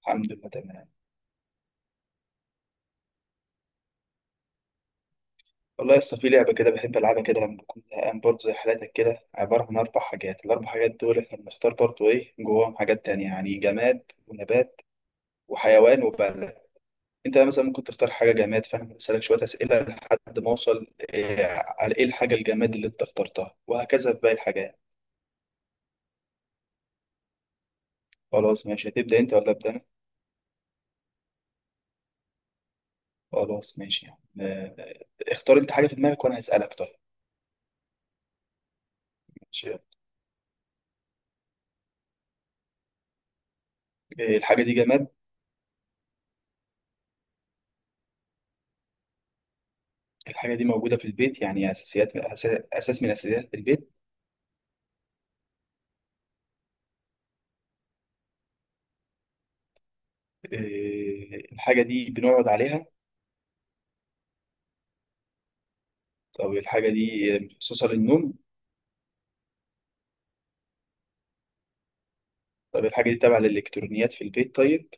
الحمد لله، تمام. والله لسه في لعبة كده بحب ألعبها كده لما بكون زهقان برضه زي حالاتك كده، عبارة عن أربع حاجات. الأربع حاجات دول إحنا بنختار برضه إيه جواهم، حاجات تانية يعني جماد ونبات وحيوان وبلد. أنت مثلا ممكن تختار حاجة جماد، فأنا بسألك شوية أسئلة لحد ما أوصل إيه على إيه الحاجة الجماد اللي أنت اخترتها، وهكذا في باقي الحاجات. خلاص ماشي، هتبدأ أنت ولا أبدأ أنا؟ خلاص ماشي. آه، اختار أنت حاجة في دماغك وأنا هسألك. طيب ماشي، إيه الحاجة دي، جماد؟ الحاجة دي موجودة في البيت يعني أساس من أساسيات البيت؟ الحاجة دي بنقعد عليها؟ طب الحاجة دي مخصوصة للنوم؟ طب الحاجة دي تابعة للإلكترونيات في البيت؟ طيب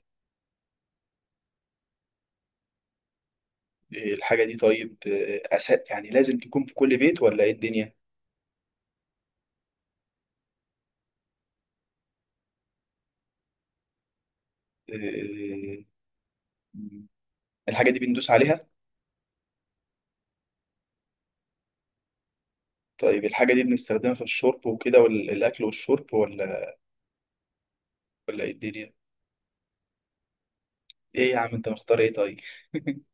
الحاجة دي طيب أساس يعني لازم تكون في كل بيت ولا إيه الدنيا؟ إيه، الحاجة دي بندوس عليها؟ طيب الحاجة دي بنستخدمها في الشرب وكده، والأكل والشرب ولا إيه الدنيا؟ إيه يا عم أنت مختار إيه طيب؟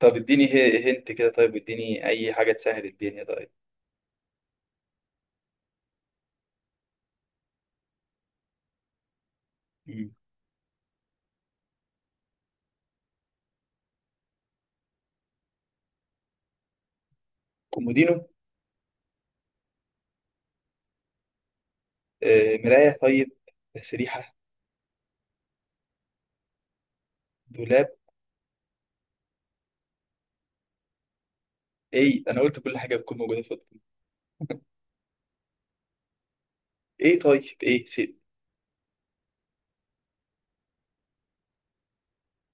طب اديني، هنت كده. طيب واديني أي حاجة تسهل الدنيا طيب. مم. كومودينو؟ مراية؟ طيب تسريحة؟ دولاب؟ ايه ده، انا قلت كل حاجة بتكون موجودة في اوضتك. ايه طيب، ايه سيب.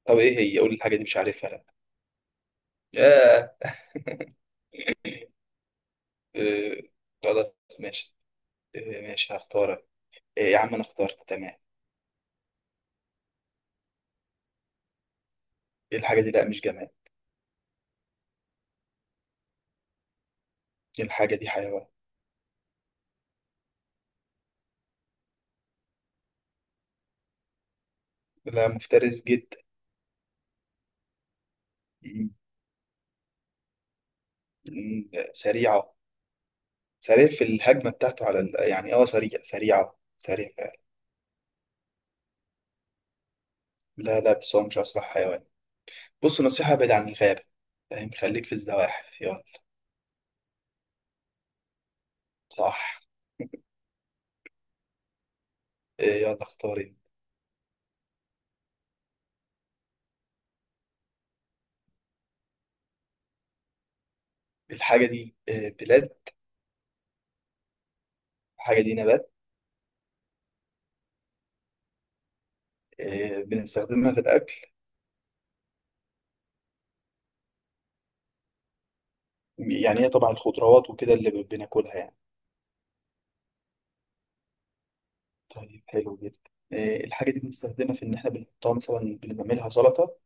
طب ايه هي، قول لي الحاجة دي مش عارفها لا. ياه. آه، خلاص ماشي. ماشي هختارك. يا عم انا اخترت تمام. ايه الحاجة دي، لا مش جماد. ايه الحاجة دي حيوان. لا مفترس جدا. مم. سريعة. سريع في الهجمة بتاعته على ال... يعني اه سريع سريعة سريع فعلا. لا لا، بس هو مش أسرع حيوان. بص، نصيحة، بعيد عن الغابة، فاهم؟ خليك في الزواحف يلا. صح. يلا اختاري. الحاجة دي بلاد؟ الحاجة دي نبات. بنستخدمها في الأكل؟ يعني هي طبعا الخضروات وكده اللي بناكلها يعني. طيب حلو جدا. الحاجة دي بنستخدمها في إن إحنا بنحطها مثلا، بنعملها سلطة؟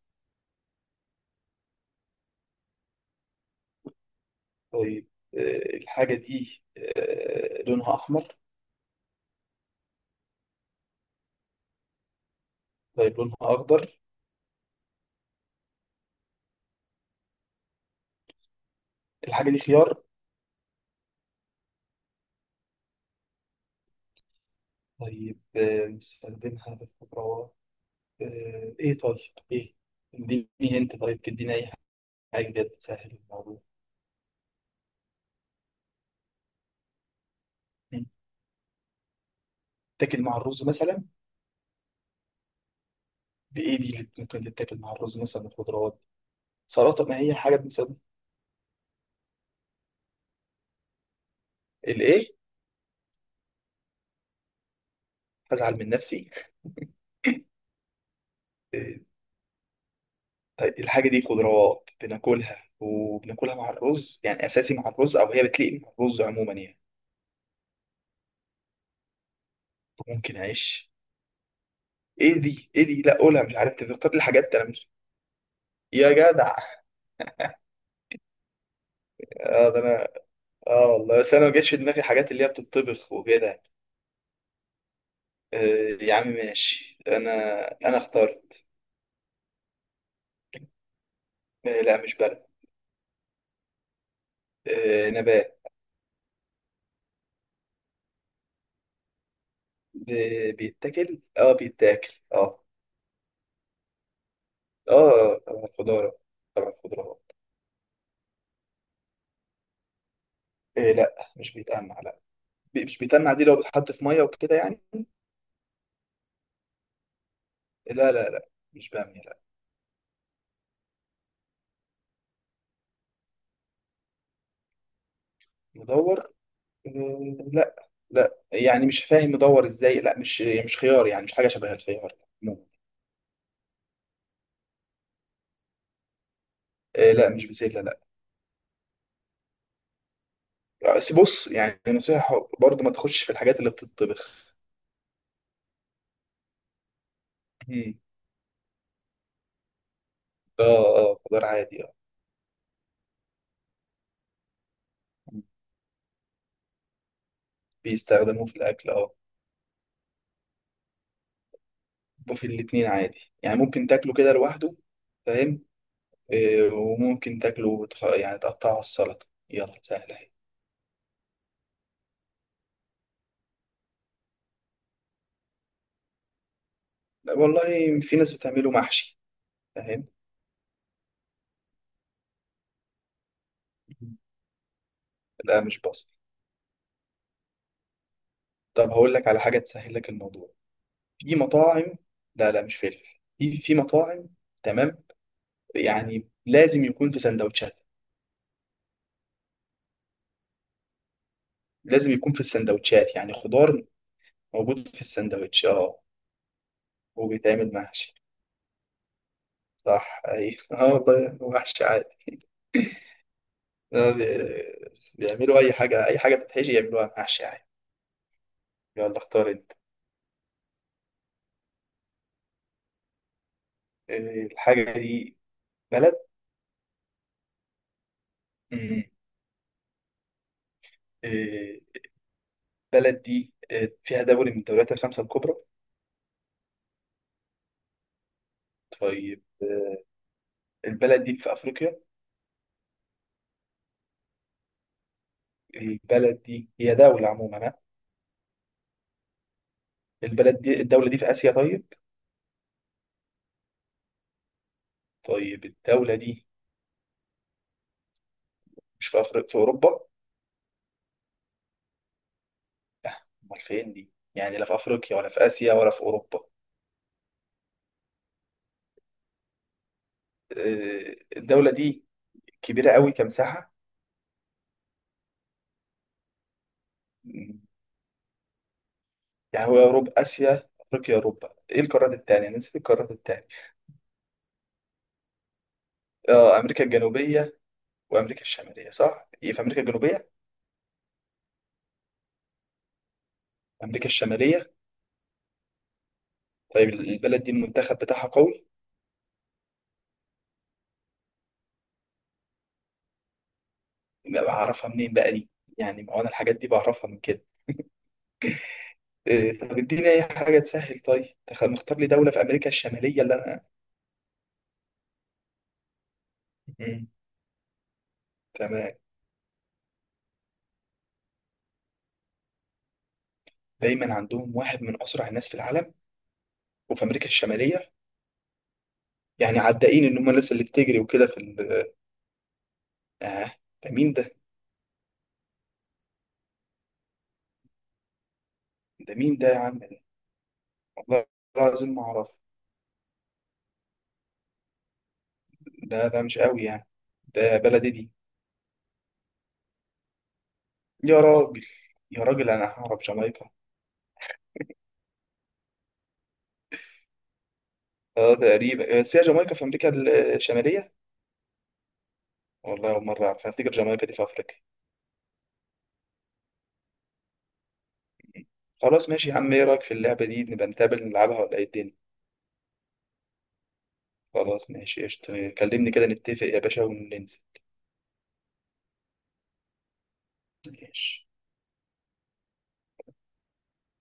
طيب. الحاجة دي لونها أحمر؟ طيب لونها أخضر. الحاجة دي خيار؟ طيب، بنستخدمها في الخضروات. آه، إيه طيب إيه اديني أنت طيب، اديني أي حاجة كده تسهل الموضوع. مم. تاكل مع الرز مثلا؟ بإيه دي اللي ممكن تتاكل مع الرز مثلا، الخضروات؟ سلطة؟ ما هي حاجة بنسبة. الإيه؟ هزعل من نفسي؟ إيه، طيب الحاجة دي خضروات بناكلها وبناكلها مع الرز يعني أساسي مع الرز، أو هي بتليق مع الرز عموما يعني؟ ممكن أعيش. إيه دي؟ لا قولها، مش عارف، تفكر لي حاجات أنا مش. يا جدع. اه ده انا، اه والله بس انا ما جاتش في دماغي حاجات اللي هي بتطبخ وكده. آه يا عم ماشي. انا اختار. آه لا مش برد. آه نبات. بيتاكل، اه بيتاكل اه. اه طبعا الخضار، طبعا الخضار. إيه لا، مش بيتقمع لا. مش بيتقمع، دي لو بتحط في ميه وكده يعني. لا لا لا، مش بامية لا. مدور. إيه لا، لا يعني مش فاهم مدور ازاي، لا مش، مش خيار يعني، مش حاجه شبه الخيار عموماً. إيه لا، مش بسله لا. بس بص يعني، نصيحه برضو، ما تخش في الحاجات اللي بتطبخ. مم. اه، اه خضار عادي اه. بيستخدموه في الاكل اه. وفي الاتنين عادي، يعني ممكن تاكله كده لوحده، فاهم؟ وممكن تاكله يعني تقطعه على السلطة، يلا سهلة اهي. لا، والله في ناس بتعمله محشي، فاهم؟ لا مش بصل. طب هقول لك على حاجة تسهل لك الموضوع، في مطاعم. لا لا مش فلفل، في في مطاعم، تمام؟ يعني لازم يكون في سندوتشات، لازم يكون في السندوتشات يعني خضار موجود في السندوتش اه. وبيتعمل محشي. صح ايوه اه والله محشي عادي. بيعملوا اي حاجة، اي حاجة بتتحشي يعملوها محشي عادي. يلا اختار. الحاجة دي بلد. مم. آه، البلد دي فيها دوري من الدوريات الخمسة الكبرى؟ طيب البلد دي في أفريقيا؟ البلد دي هي دولة عموما، ها؟ البلد دي الدولة دي في آسيا؟ طيب. طيب الدولة دي مش في أفريقيا، في أوروبا؟ آه، أمال فين دي يعني، لا في أفريقيا ولا في آسيا ولا في أوروبا؟ الدولة دي كبيرة قوي كمساحة؟ مم، يعني هو أوروبا آسيا أفريقيا أوروبا، إيه القارات التانية؟ أنا نسيت القارات التانية. آه أمريكا الجنوبية وامريكا الشماليه، صح؟ ايه في امريكا الجنوبيه؟ امريكا الشماليه. طيب البلد دي المنتخب بتاعها قوي؟ يبقى بعرفها منين بقى دي؟ يعني ما هو انا الحاجات دي بعرفها من كده. إيه طب اديني اي حاجه تسهل طيب، مختار لي دوله في امريكا الشماليه اللي انا. مم. تمام، دايما عندهم واحد من اسرع الناس في العالم وفي امريكا الشماليه؟ يعني عدائين ان هم الناس اللي بتجري وكده في اه. ده مين ده؟ ده مين ده يا عم؟ والله العظيم ما اعرف. ده مش قوي يعني، ده بلدي دي؟ يا راجل. يا راجل انا هعرف جامايكا. اه تقريبا، بس هي جامايكا في امريكا الشماليه؟ والله اول مره اعرف، أنا افتكر جامايكا دي في افريقيا. خلاص ماشي يا عم، ايه رايك في اللعبه دي نبقى نتقابل نلعبها ولا ايه الدنيا؟ خلاص ماشي قشطة، كلمني كده نتفق يا باشا وننزل. ماشي.